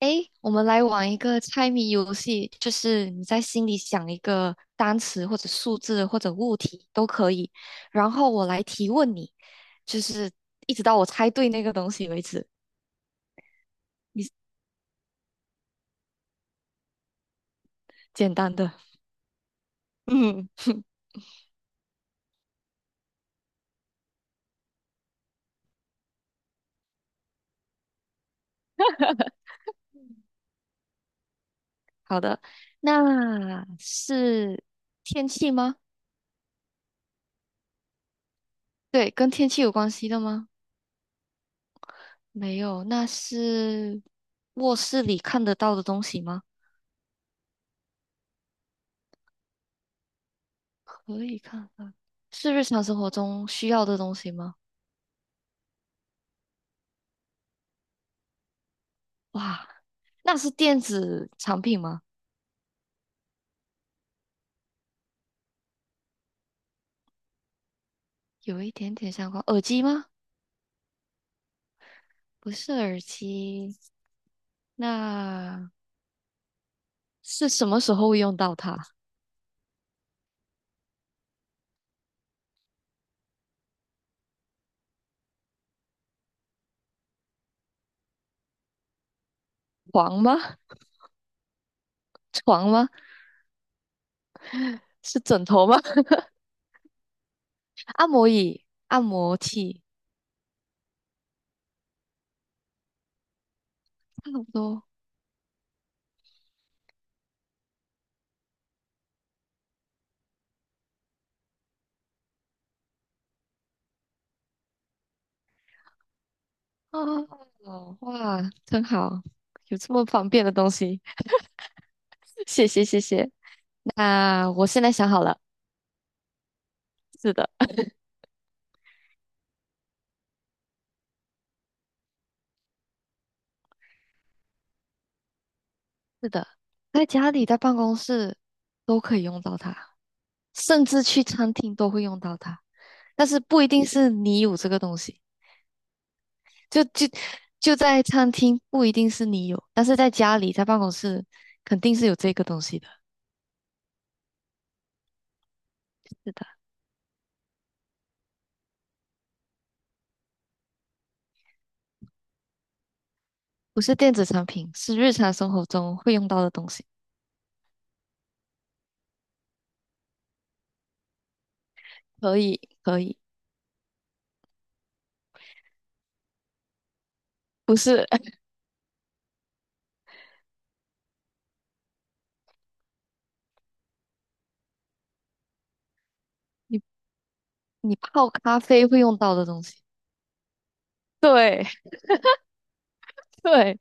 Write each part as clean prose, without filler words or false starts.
诶，我们来玩一个猜谜游戏，就是你在心里想一个单词或者数字或者物体都可以，然后我来提问你，就是一直到我猜对那个东西为止。你简单的，嗯，好的，那是天气吗？对，跟天气有关系的吗？没有，那是卧室里看得到的东西吗？可以看到，是日常生活中需要的东西吗？哇，那是电子产品吗？有一点点相关，耳机吗？不是耳机，那是什么时候会用到它？床吗？床吗？是枕头吗？按摩椅、按摩器，差不多。哦，哦哇，真好，有这么方便的东西，谢谢谢谢。那我现在想好了，是的，是的，在家里在办公室都可以用到它。甚至去餐厅都会用到它，但是不一定是你有这个东西，就就在餐厅不一定是你有，但是在家里在办公室肯定是有这个东西的。是的，不是电子产品，是日常生活中会用到的东西。可以，可以，不是 你你泡咖啡会用到的东西。对对，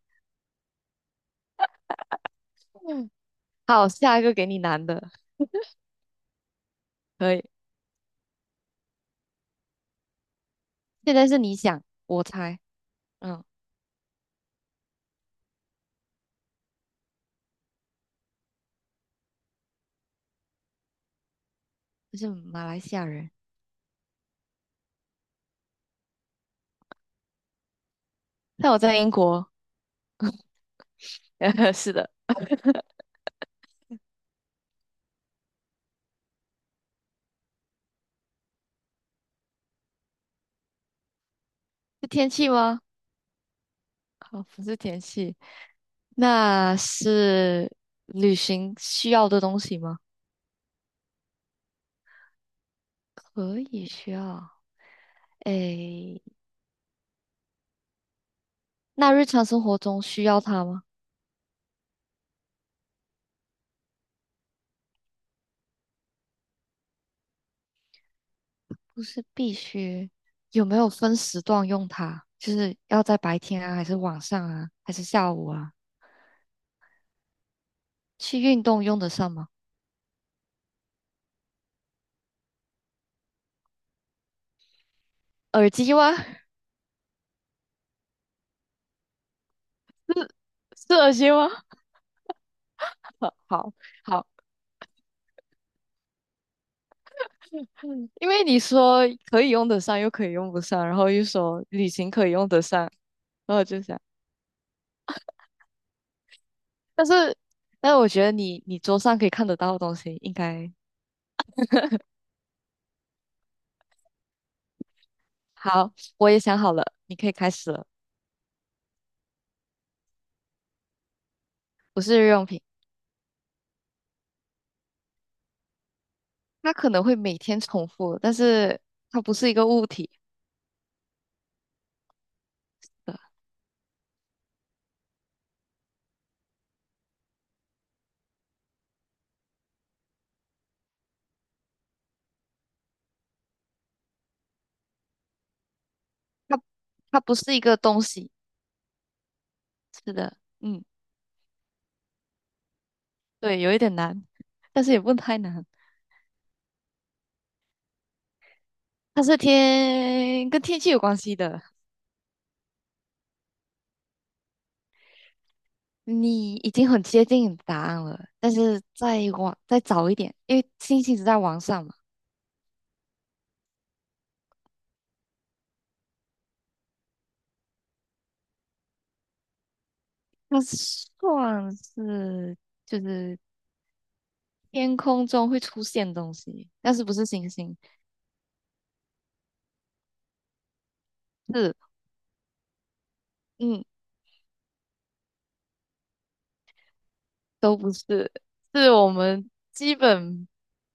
嗯，好，下一个给你难的，可以。现在是你想，我猜，嗯，就是马来西亚人，但我在英国，是的。是天气吗？好，不是天气，那是旅行需要的东西吗？可以需要。诶，那日常生活中需要它吗？不是必须。有没有分时段用它？就是要在白天啊，还是晚上啊，还是下午啊？去运动用得上吗？耳机吗？是耳机吗？好好好，嗯因为你说可以用得上，又可以用不上，然后又说旅行可以用得上，然后我就想。但是，但是我觉得你桌上可以看得到的东西应该 好。我也想好了，你可以开始了。不是日用品，它可能会每天重复，但是它不是一个物体的，它它不是一个东西。是的，嗯，对，有一点难，但是也不太难。它是天跟天气有关系的。你已经很接近答案了，但是再往再早一点，因为星星是在往上嘛，那算是。就是天空中会出现东西，但是不是星星，是嗯，都不是，是我们基本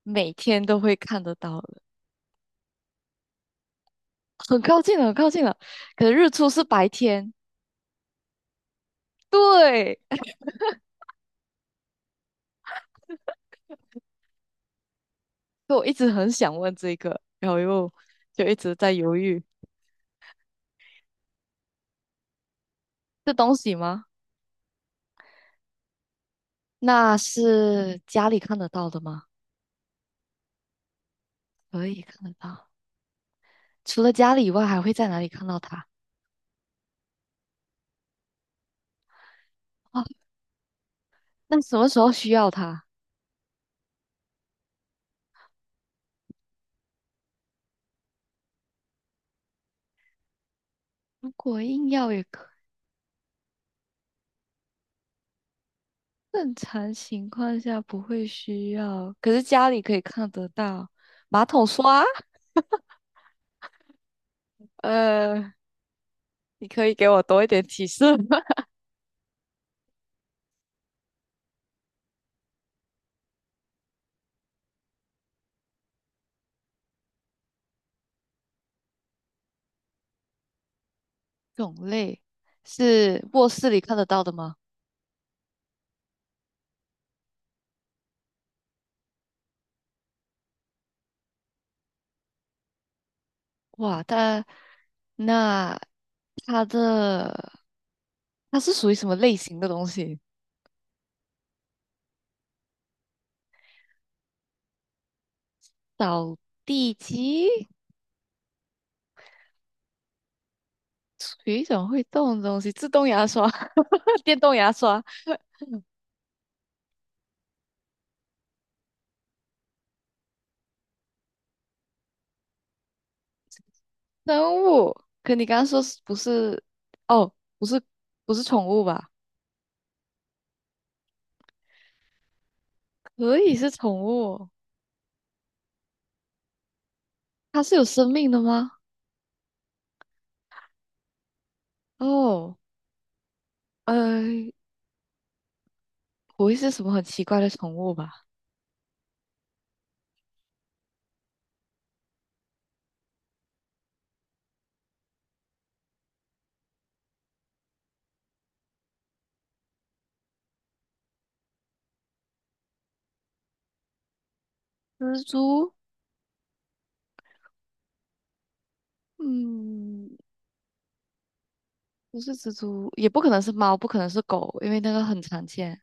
每天都会看得到的，很靠近了，很靠近了。可是日出是白天，对，所以我一直很想问这个，然后又就一直在犹豫，是东西吗？那是家里看得到的吗？可以看得到，除了家里以外，还会在哪里看到它？哦，那什么时候需要它？如果硬要也可。正常情况下不会需要，可是家里可以看得到马桶刷。呃，你可以给我多一点提示吗？种类是卧室里看得到的吗？哇，它那它的它是属于什么类型的东西？扫地机属于一种会动的东西，自动牙刷、电动牙刷、生物。可你刚刚说是不是？哦，不是，不是宠物吧？可以是宠物哦它是有生命的吗？哦，呃，不会是什么很奇怪的宠物吧？蜘蛛？嗯，不是蜘蛛，也不可能是猫，不可能是狗，因为那个很常见。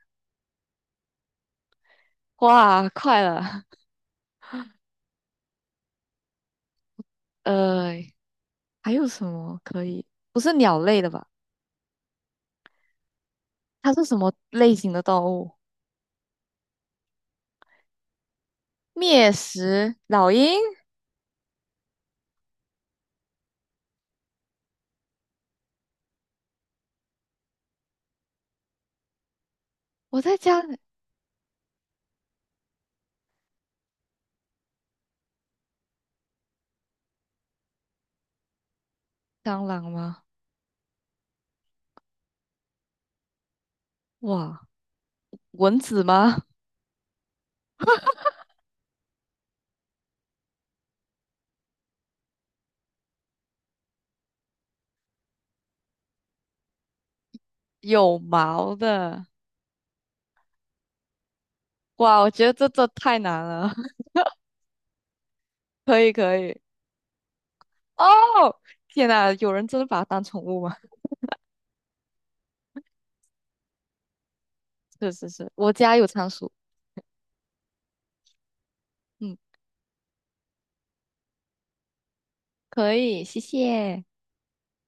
哇，快了，呃，还有什么可以？不是鸟类的吧？它是什么类型的动物？灭食老鹰？我在家，蟑螂吗？哇，蚊子吗？有毛的。哇，我觉得这太难了。可以可以。哦，天呐，有人真的把它当宠物吗？是是是，我家有仓鼠。嗯，可以，谢谢。